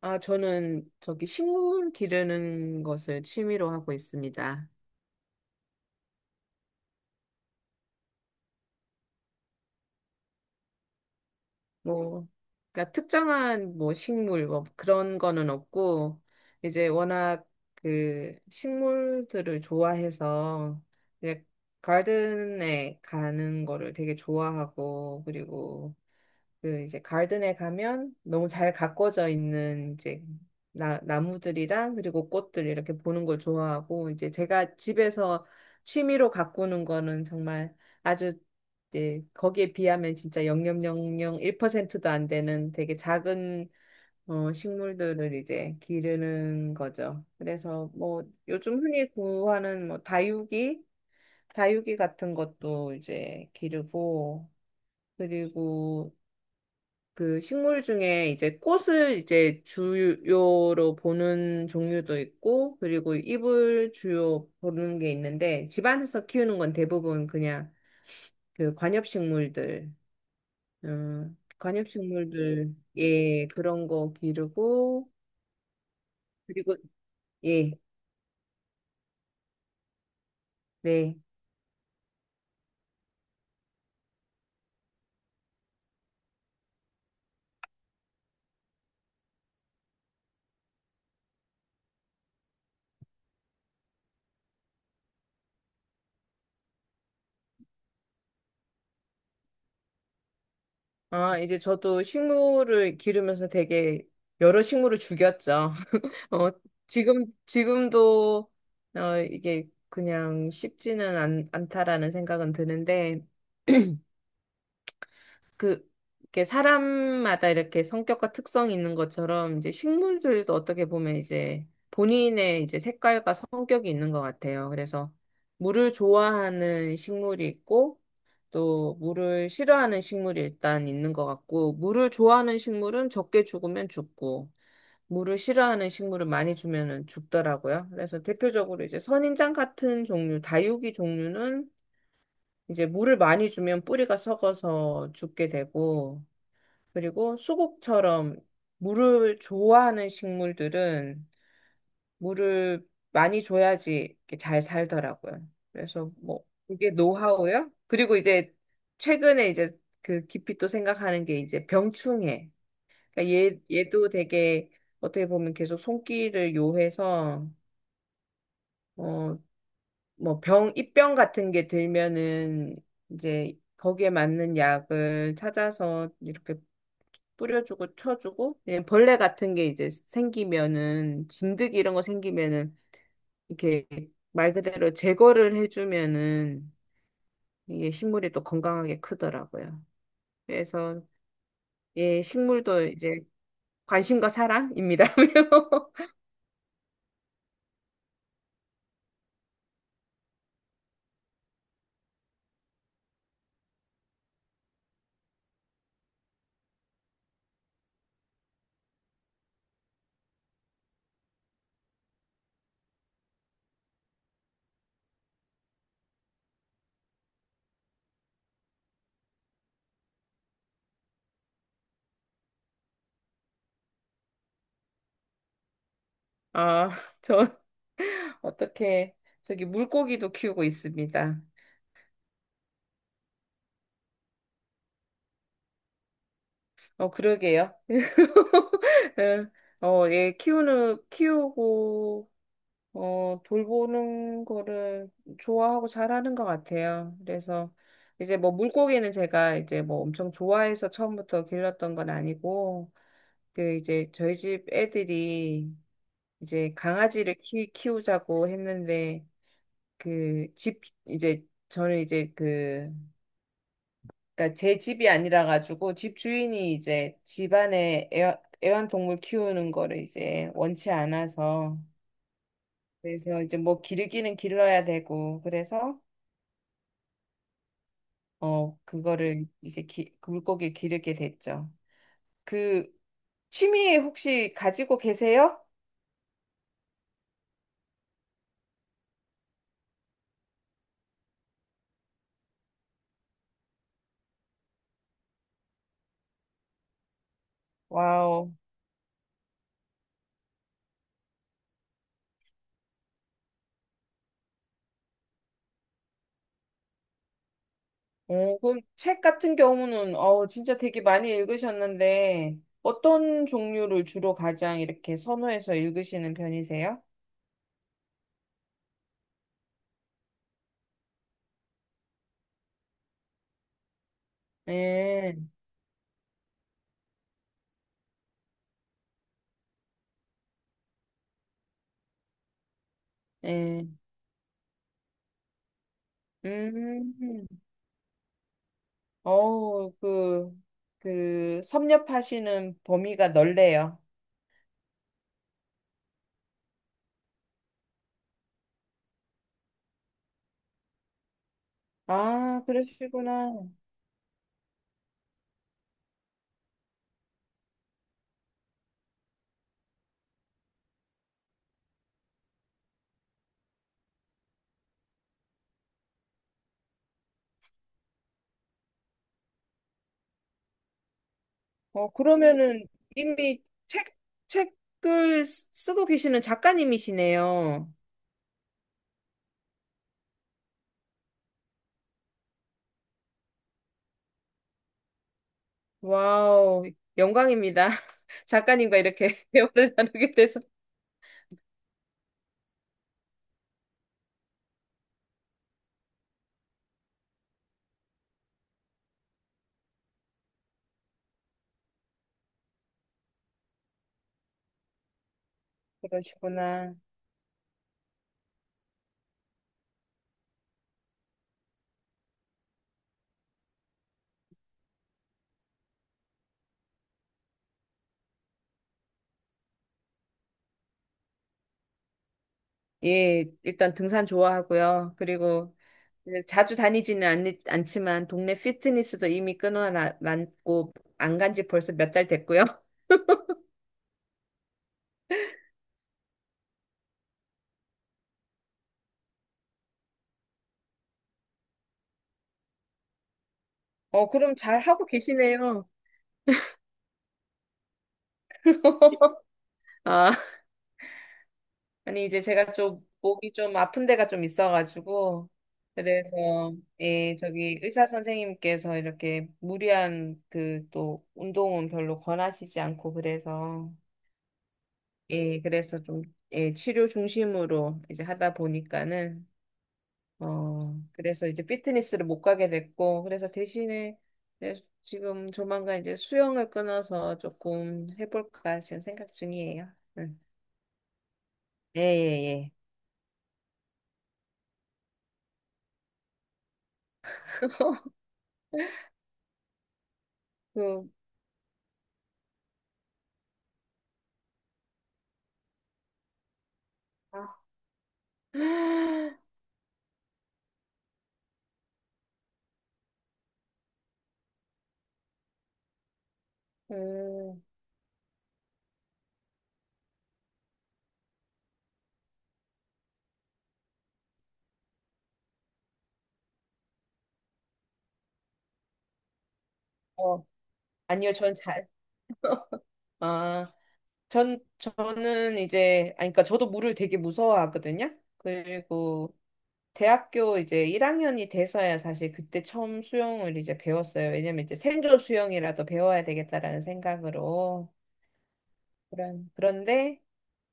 아, 저는 저기 식물 기르는 것을 취미로 하고 있습니다. 뭐, 그러니까 특정한 뭐 식물 뭐 그런 거는 없고, 이제 워낙 그 식물들을 좋아해서 이제 가든에 가는 거를 되게 좋아하고, 그리고 그 이제 가든에 가면 너무 잘 가꿔져 있는 이제 나무들이랑 그리고 꽃들 이렇게 보는 걸 좋아하고 이제 제가 집에서 취미로 가꾸는 거는 정말 아주 이제 거기에 비하면 진짜 0.001%도 안 되는 되게 작은 식물들을 이제 기르는 거죠. 그래서 뭐 요즘 흔히 구하는 뭐 다육이 같은 것도 이제 기르고 그리고 그 식물 중에 이제 꽃을 이제 주요로 보는 종류도 있고, 그리고 잎을 주요 보는 게 있는데, 집안에서 키우는 건 대부분 그냥 그 관엽식물들, 관엽식물들, 예, 그런 거 기르고, 그리고, 예, 네. 아, 이제 저도 식물을 기르면서 되게 여러 식물을 죽였죠. 어, 지금도, 어, 이게 그냥 않다라는 생각은 드는데, 그, 이게 사람마다 이렇게 성격과 특성이 있는 것처럼, 이제 식물들도 어떻게 보면 이제 본인의 이제 색깔과 성격이 있는 것 같아요. 그래서 물을 좋아하는 식물이 있고, 또 물을 싫어하는 식물이 일단 있는 것 같고, 물을 좋아하는 식물은 적게 죽으면 죽고, 물을 싫어하는 식물을 많이 주면은 죽더라고요. 그래서 대표적으로 이제 선인장 같은 종류, 다육이 종류는 이제 물을 많이 주면 뿌리가 썩어서 죽게 되고, 그리고 수국처럼 물을 좋아하는 식물들은 물을 많이 줘야지 이렇게 잘 살더라고요. 그래서 뭐 이게 노하우요. 그리고 이제 최근에 이제 그 깊이 또 생각하는 게 이제 병충해. 그러니까 얘도 되게 어떻게 보면 계속 손길을 요해서, 어, 뭐 입병 같은 게 들면은 이제 거기에 맞는 약을 찾아서 이렇게 뿌려주고 쳐주고, 예, 벌레 같은 게 이제 생기면은, 진드기 이런 거 생기면은 이렇게 말 그대로 제거를 해주면은 이게 식물이 또 건강하게 크더라고요. 그래서 예, 식물도 이제 관심과 사랑입니다요. 아, 저 어떻게, 저기 물고기도 키우고 있습니다. 어, 그러게요. 예, 어, 예, 키우고, 어, 돌보는 거를 좋아하고 잘하는 것 같아요. 그래서 이제 뭐 물고기는 제가 이제 뭐 엄청 좋아해서 처음부터 길렀던 건 아니고, 그 이제 저희 집 애들이 이제 강아지를 키우자고 했는데, 그 집, 이제 저는 이제 그 그러니까 제 집이 아니라 가지고 집 주인이 이제 집안에 애완동물 키우는 거를 이제 원치 않아서 그래서 이제 뭐 기르기는 길러야 되고 그래서 어 그거를 이제 그 물고기 기르게 됐죠. 그 취미 혹시 가지고 계세요? 와우. 어, 그럼 책 같은 경우는 어 진짜 되게 많이 읽으셨는데 어떤 종류를 주로 가장 이렇게 선호해서 읽으시는 편이세요? 네, 네. 음, 어우, 그, 섭렵하시는 범위가 넓네요. 아, 그러시구나. 어, 그러면은 이미 책을 쓰고 계시는 작가님이시네요. 와우, 영광입니다. 작가님과 이렇게 대화를 나누게 돼서. 그러시구나. 예, 일단 등산 좋아하고요. 그리고 네, 않지만 동네 피트니스도 이미 끊어놨고 안 간지 벌써 몇 달 됐고요. 어, 그럼 잘 하고 계시네요. 아, 아니 이제 제가 좀 목이 좀 아픈 데가 좀 있어가지고 그래서 예, 저기 의사 선생님께서 이렇게 무리한 그 또 운동은 별로 권하시지 않고 그래서 예, 그래서 좀 예, 치료 중심으로 이제 하다 보니까는 어, 그래서 이제 피트니스를 못 가게 됐고, 그래서 대신에 이제 지금 조만간 이제 수영을 끊어서 조금 해볼까 지금 생각 중이에요. 응. 예, 예, 예. 그, 아, 음, 어, 아니요, 아, 저는 이제, 아니, 그러니까 저도 물을 되게 무서워하거든요. 그리고 대학교 이제 1학년이 돼서야 사실 그때 처음 수영을 이제 배웠어요. 왜냐면 이제 생존 수영이라도 배워야 되겠다라는 생각으로. 그런, 그런데,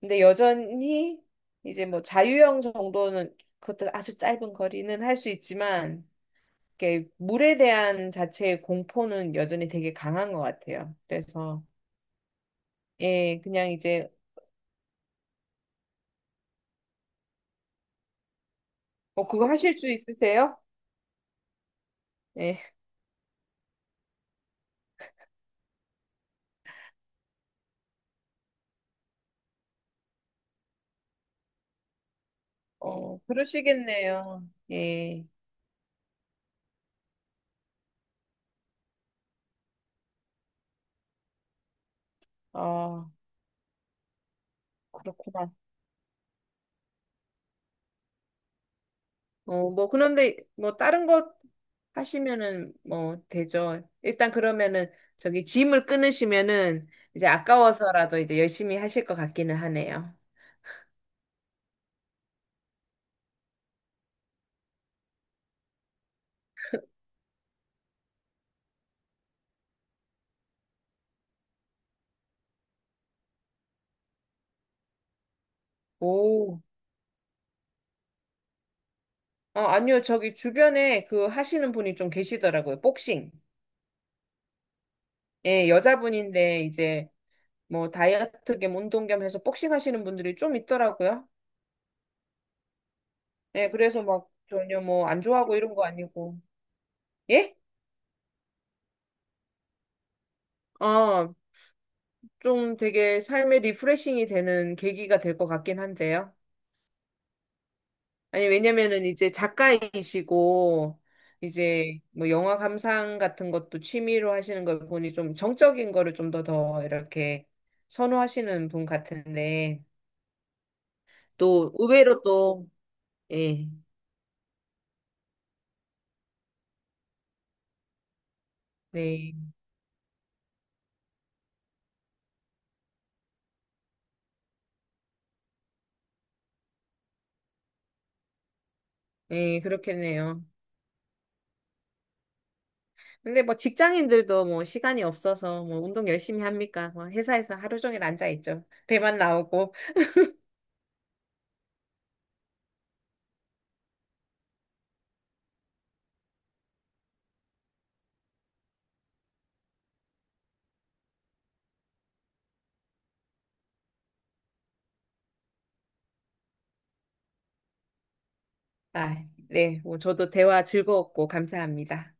근데 여전히 이제 뭐 자유형 정도는 그것도 아주 짧은 거리는 할 수 있지만, 이렇게 물에 대한 자체의 공포는 여전히 되게 강한 것 같아요. 그래서, 예, 그냥 이제, 어, 그거 하실 수 있으세요? 예, 어, 그러시겠네요. 예, 어, 그렇구나. 어, 뭐, 그런데, 뭐, 다른 것 하시면은, 뭐, 되죠. 일단 그러면은, 저기, 짐을 끊으시면은, 이제 아까워서라도 이제 열심히 하실 것 같기는 하네요. 오. 어, 아니요. 저기, 주변에 그 하시는 분이 좀 계시더라고요. 복싱. 예, 여자분인데, 이제, 뭐, 다이어트 겸 운동 겸 해서 복싱 하시는 분들이 좀 있더라고요. 예, 그래서 막, 전혀 뭐, 안 좋아하고 이런 거 아니고. 예? 어, 좀 되게 삶의 리프레싱이 되는 계기가 될 것 같긴 한데요. 아니, 왜냐면은 이제 작가이시고, 이제 뭐 영화 감상 같은 것도 취미로 하시는 걸 보니 좀 정적인 거를 좀 더 이렇게 선호하시는 분 같은데, 또 의외로 또, 예, 네, 네, 그렇겠네요. 근데 뭐 직장인들도 뭐 시간이 없어서 뭐 운동 열심히 합니까? 뭐 회사에서 하루 종일 앉아 있죠. 배만 나오고. 아, 네. 뭐 저도 대화 즐거웠고 감사합니다.